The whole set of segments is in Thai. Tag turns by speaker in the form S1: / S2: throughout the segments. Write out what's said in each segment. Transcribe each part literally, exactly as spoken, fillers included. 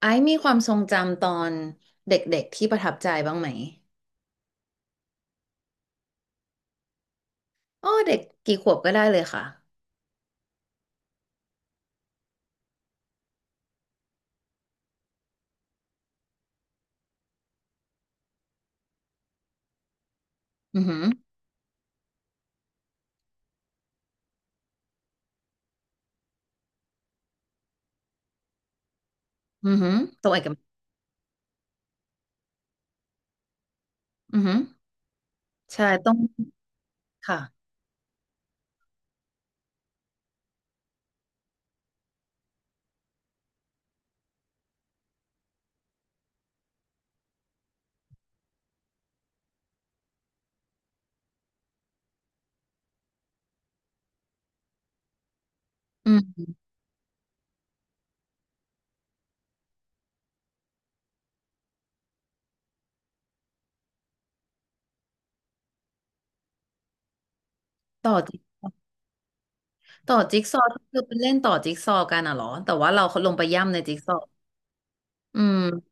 S1: ไอซ์มีความทรงจำตอนเด็กๆที่ประทับใจบ้างไหมอ๋อเด็กกี่ขวบก็ได้เลยค่ะอือหืออือหือตรงเอกมัยอือหือใช่ต้องค่ะอืมต่อจิต่อจิ๊กซอว์ก็คือเป็นเล่นต่อจิ๊กซอว์กันอ่ะเหรอแต่ว่าเราลงไปย่ำในจิ๊กซอว์อืม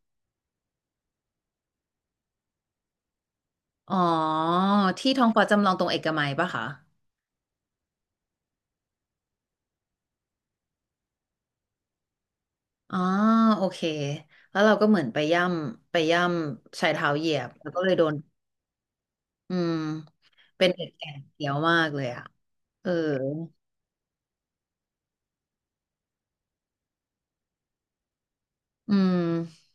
S1: อ๋อที่ท้องฟ้าจำลองตรงเอกมัยปะคะอ๋อโอเคแล้วเราก็เหมือนไปย่ำไปย่ำใชายเท้าเหยียบแล้วก็เลยโดนอืมเป็นเด็กแก่เกียวมากเลยอ่ะเอออืม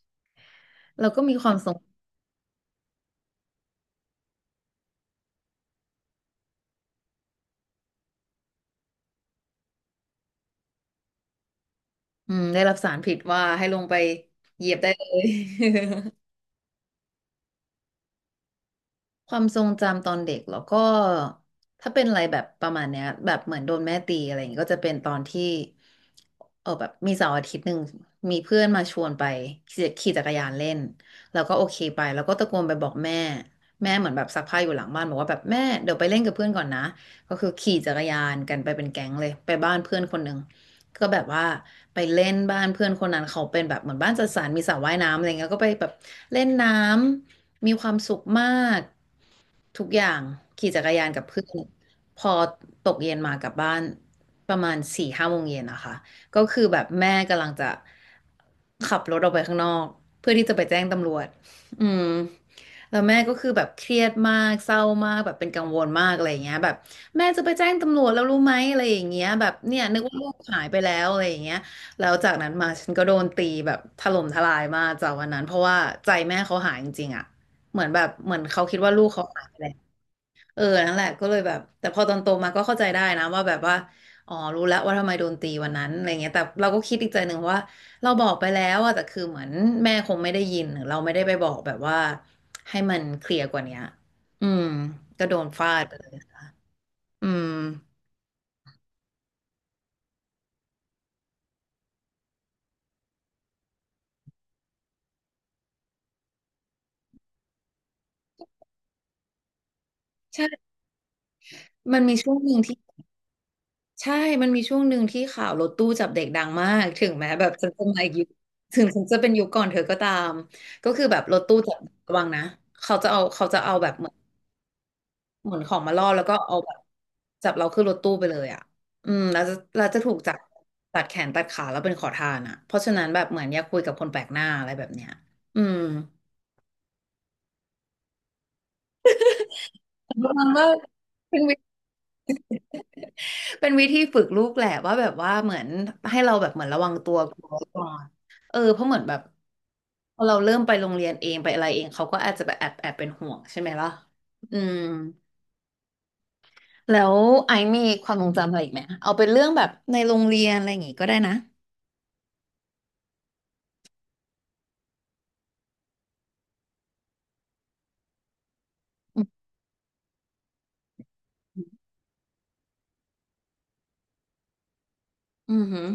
S1: เราก็มีความสงอืมได้รับสารผิดว่าให้ลงไปเหยียบได้เลย ความทรงจำตอนเด็กแล้วก็ถ้าเป็นอะไรแบบประมาณเนี้ยแบบเหมือนโดนแม่ตีอะไรอย่างงี้ก็จะเป็นตอนที่เออแบบมีเสาร์อาทิตย์หนึ่งมีเพื่อนมาชวนไปขี่ขี่จักรยานเล่นแล้วก็โอเคไปแล้วก็ตะโกนไปบอกแม่แม่เหมือนแบบซักผ้าอยู่หลังบ้านบอกว่าแบบแม่เดี๋ยวไปเล่นกับเพื่อนก่อนนะก็คือขี่จักรยานกันไปเป็นแก๊งเลยไปบ้านเพื่อนคนหนึ่งก็แบบว่าไปเล่นบ้านเพื่อนคนนั้นเขาเป็นแบบเหมือนบ้านจัดสรรมีสระว่ายน้ำอะไรเงี้ยก็ไปแบบเล่นน้ำ มีความสุขมากทุกอย่างขี่จักรยานกับเพื่อนพอตกเย็นมากลับบ้านประมาณสี่ห้าโมงเย็นนะคะก็คือแบบแม่กำลังจะขับรถออกไปข้างนอกเพื่อที่จะไปแจ้งตำรวจอืมแล้วแม่ก็คือแบบเครียดมากเศร้ามากแบบเป็นกังวลมากอะไรอย่างเงี้ยแบบแม่จะไปแจ้งตำรวจแล้วรู้ไหมอะไรอย่างเงี้ยแบบเนี่ยนึกว่าลูกหายไปแล้วอะไรอย่างเงี้ยแล้วจากนั้นมาฉันก็โดนตีแบบถล่มทลายมากจากวันนั้นเพราะว่าใจแม่เขาหายจริงๆอะ เหมือนแบบเหมือนเขาคิดว่าลูกเขาหายไปแล้วเออนั่นแหละก็เลยแบบแต่พอตอนโตมาก็เข้าใจได้นะว่าแบบว่าอ๋อรู้แล้วว่าทำไมโดนตีวันนั้นอะไรเงี้ยแต่เราก็คิดอีกใจหนึ่งว่าเราบอกไปแล้วอะแต่คือเหมือนแม่คงไม่ได้ยินหรือเราไม่ได้ไปบอกแบบว่าให้มันเคลียร์กว่าเนี้ยอืมก็โดนฟาดไปเลยอืมใช่มันมีช่วงหนึ่งที่ ใช่มันมีช่วงหนึ่งที่ข่าวรถตู้จับเด็กดังมากถึงแม้แบบฉันจะมาอีกยุคถึงฉันจะเป็นยุคก่อนเธอก็ตามก็คือแบบรถตู้จับระวังนะเขาจะเอาเขาจะเอาแบบเหมือนเหมือนของมาล่อแล้วก็เอาแบบจับเราขึ้นรถตู้ไปเลยอ่ะอืมแล้วจะเราจะถูกจับตัดแขนตัดขาแล้วเป็นขอทานอ่ะเพราะฉะนั้นแบบเหมือนอย่าคุยกับคนแปลกหน้าอะไรแบบเนี้ยอืมประมาณว่าเป็น เป็นวิธีฝึกลูกแหละว่าแบบว่าเหมือนให้เราแบบเหมือนระวังตัวกลัวก่อนเออเพราะเหมือนแบบพอเราเริ่มไปโรงเรียนเองไปอะไรเองเขาก็อาจจะแบบแอบแอบเป็นห่วงใช่ไหมล่ะอืมแล้วไอซ์มีความทรงจำอะไรอีกไหมเอาเป็นเรื่องแบบในโรงเรียนอะไรอย่างงี้ก็ได้นะอืมอือหือ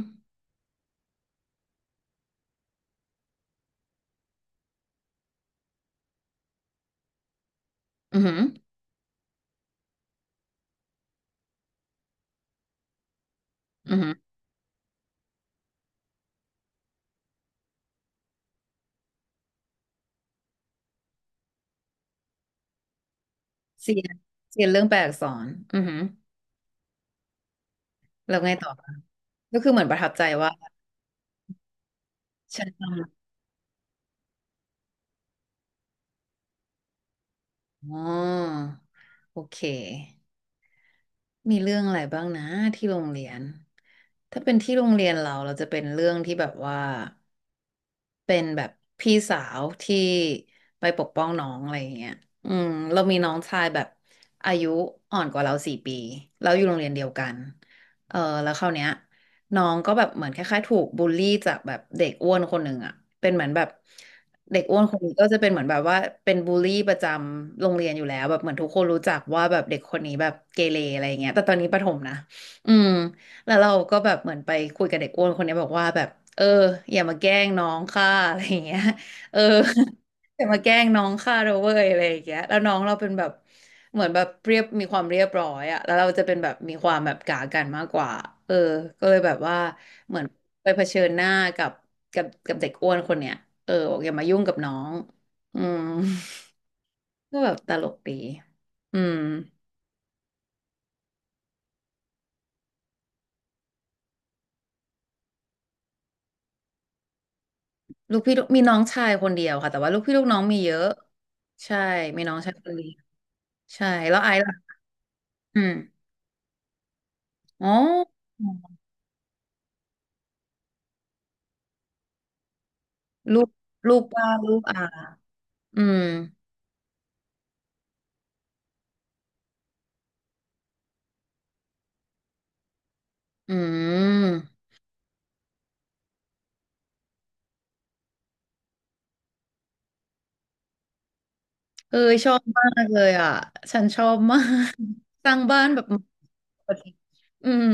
S1: อือหืออือหือเสียนเสียนเรื่องแปลอักษรอือหือแล้วไงต่อคะก็คือเหมือนประทับใจว่าฉันทำอ๋อโอเค มีเรื่องอะไรบ้างนะที่โรงเรียนถ้าเป็นที่โรงเรียนเราเราจะเป็นเรื่องที่แบบว่าเป็นแบบพี่สาวที่ไปปกป้องน้องอะไรอย่างเงี้ยอืมเรามีน้องชายแบบอายุอ่อนกว่าเราสี่ปีเราอยู่โรงเรียนเดียวกันเออแล้วคราวเนี้ย น้องก็แบบเหมือนคล้ายๆถูกบูลลี่จากแบบเด็กอ้วนคนหนึ่งอ่ะเป็นเหมือนแบบเด็กอ้วนคนนี้ก็จะเป็นเหมือนแบบว่าเป็นบูลลี่ประจำโรงเรียนอยู่แล้วแบบเหมือนทุกคนรู้จักว่าแบบเด็กคนนี้แบบเกเรอะไรอย่างเงี้ยแต่ตอนนี้ประถมนะอืมแล้วเราก็แบบเหมือนไปคุยกับเด็กอ้วนคนนี้บอกว่าแบบเอออย่ามาแกล้งน้องค่ะอะไรอย่างเงี้ยเออ จะ่ามาแกล้งน้องข้าเราเว้ยอะไรอย่างเงี้ยแล้วน้องเราเป็นแบบเหมือนแบบเรียบมีความเรียบร้อยอะแล้วเราจะเป็นแบบมีความแบบกากันมากกว่าเออก็เลยแบบว่าเหมือนไปเผชิญหน้ากับกับกับเด็กอ้วนคนเนี้ยเออบอกอย่ามายุ่งกับน้องอืม ก็แบบตลกดีอืมลูกพี่ลูกมีน้องชายคนเดียวค่ะแต่ว่าลูกพี่ลูกน้องมีเยอะใช่มีน้องชายคนเดียวใช่แล้วไอซ์ล่ะอืมอ๋อลูกลูกป้าลูกอาอืม อืมเออชอบมากเลยอ่ะ ฉันชอบมากสร้างบ้านแบบ อืม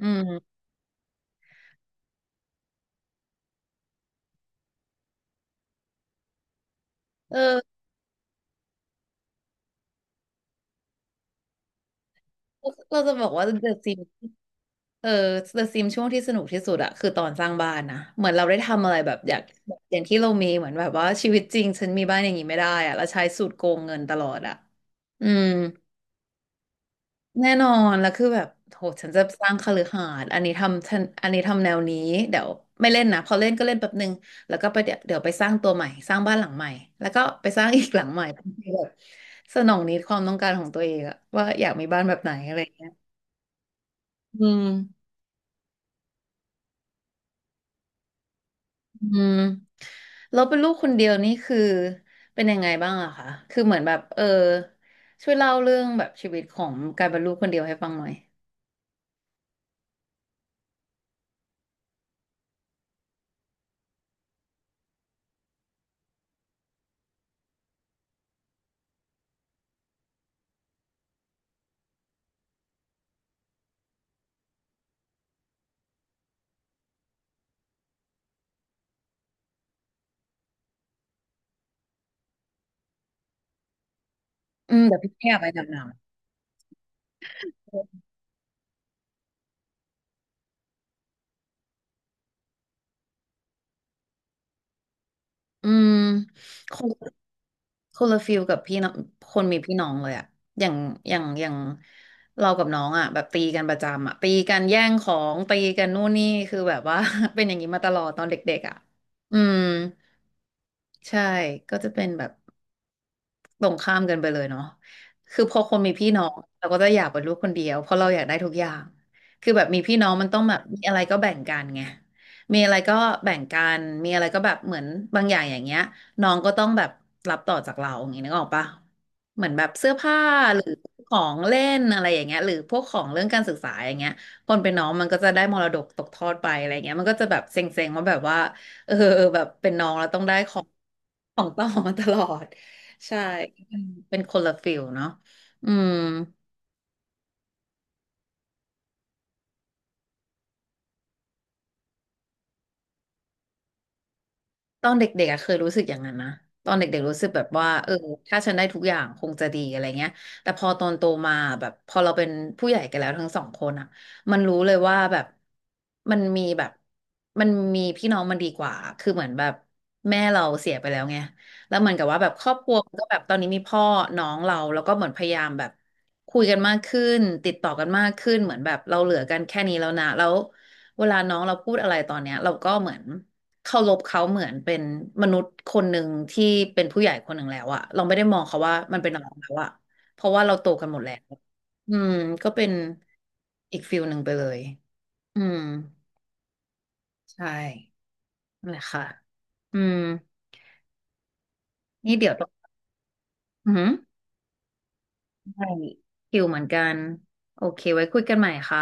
S1: อืมเออเราจะบอกว่า ที เอช อี เอส ไอ เอ็ม เอส เออ เดอะ เอส ไอ เอ็ม เอส ช่วงที่สนุกที่สุดอะคือตอนสร้างบ้านนะเหมือนเราได้ทำอะไรแบบอยากแบบอย่างที่เรามีเหมือนแบบว่าชีวิตจริงฉันมีบ้านอย่างนี้ไม่ได้อะเราใช้สูตรโกงเงินตลอดอะอืม แน่นอนแล้วคือแบบโหฉันจะสร้างคฤหาสน์อันนี้ทำฉันอันนี้ทำแนวนี้เดี๋ยวไม่เล่นนะพอเล่นก็เล่นแป๊บนึงแล้วก็ไปเดี๋ยวเดี๋ยวไปสร้างตัวใหม่สร้างบ้านหลังใหม่แล้วก็ไปสร้างอีกหลังใหม่แบบสนองนิดความต้องการของตัวเองอะว่าอยากมีบ้านแบบไหนอะไรอย่างเงี้ยอืมอืมเราเป็นลูกคนเดียวนี่คือเป็นยังไงบ้างอะคะคือเหมือนแบบเออช่วยเล่าเรื่องแบบชีวิตของการเป็นลูกคนเดียวให้ฟังหน่อยอืมเดี๋ยวพี่อยากไปดำน้ำอืมคง คนละฟิลกับพี่น้องคนมีพี่น้องเลยอะอย่างอย่างอย่างเรากับน้องอะแบบตีกันประจำอะตีกันแย่งของตีกันนู่นนี่คือแบบว่า เป็นอย่างนี้มาตลอดตอนเด็กๆอะอืมใช่ก็จะเป็นแบบ ตรงข้ามกันไปเลยเนาะคือพอคนมีพี่น้องเราก็จะอยากเป็นลูกคนเดียว เพราะเราอยากได้ทุกอย่างคือแบบมีพี่น้องมันต้องแบบมีอะไรก็แบ่งกันไงมีอะไรก็แบ่งกัน มีอะไรก็แบบเหมือนบางอย่างอย่างเงี้ยน้องก็ต้องแบบรับต่อจากเราอย่างนี้นึกออกปะเหมือนแบบเสื้อผ้าหรือของเล่นอะไรอย่างเงี้ยหรือพวกของเรื่องการศึกษาอย่างเงี้ยคนเป็นน้องมันก็จะได้มรดกตกทอดไปอะไรเงี้ยมันก็จะแบบเซ็งๆว่าแบบว่าเออแบบเป็นน้องแล้วต้องได้ของของต่อมาตลอด ใช่เป็นเป็นคนละฟิลเนาะอืมตอนเด็กๆอะเคยรู้สึกอย่างนั้นนะ ตอนเด็กๆรู้สึกแบบว่าเออถ้าฉันได้ทุกอย่างคงจะดีอะไรเงี้ยแต่พอตอนโตมาแบบพอเราเป็นผู้ใหญ่กันแล้วทั้งสองคนอ่ะมันรู้เลยว่าแบบมันมีแบบมันมีพี่น้องมันดีกว่าคือเหมือนแบบแม่เราเสียไปแล้วไงแล้วเหมือนกับว่าแบบครอบครัวมันก็แบบตอนนี้มีพ่อน้องเราแล้วก็เหมือนพยายามแบบคุยกันมากขึ้นติดต่อกันมากขึ้นเหมือนแบบเราเหลือกันแค่นี้แล้วนะแล้ว เวลาน้องเราพูดอะไรตอนเนี้ยเราก็เหมือนเคารพเขาเหมือนเป็นมนุษย์คนหนึ่งที่เป็นผู้ใหญ่คนหนึ่งแล้วอะเราไม่ได้มองเขาว่ามันเป็นอะไรแล้วอะเพราะว่าเราโตกันหมดแล้วอืมก็เป็นอีกฟิลหนึ่งไปเลยอืมใช่นั่นแหละค่ะอืมนี่เดี๋ยวต้องอือหใช่คิวเหมือนกันโอเคไว้คุยกันใหม่ค่ะ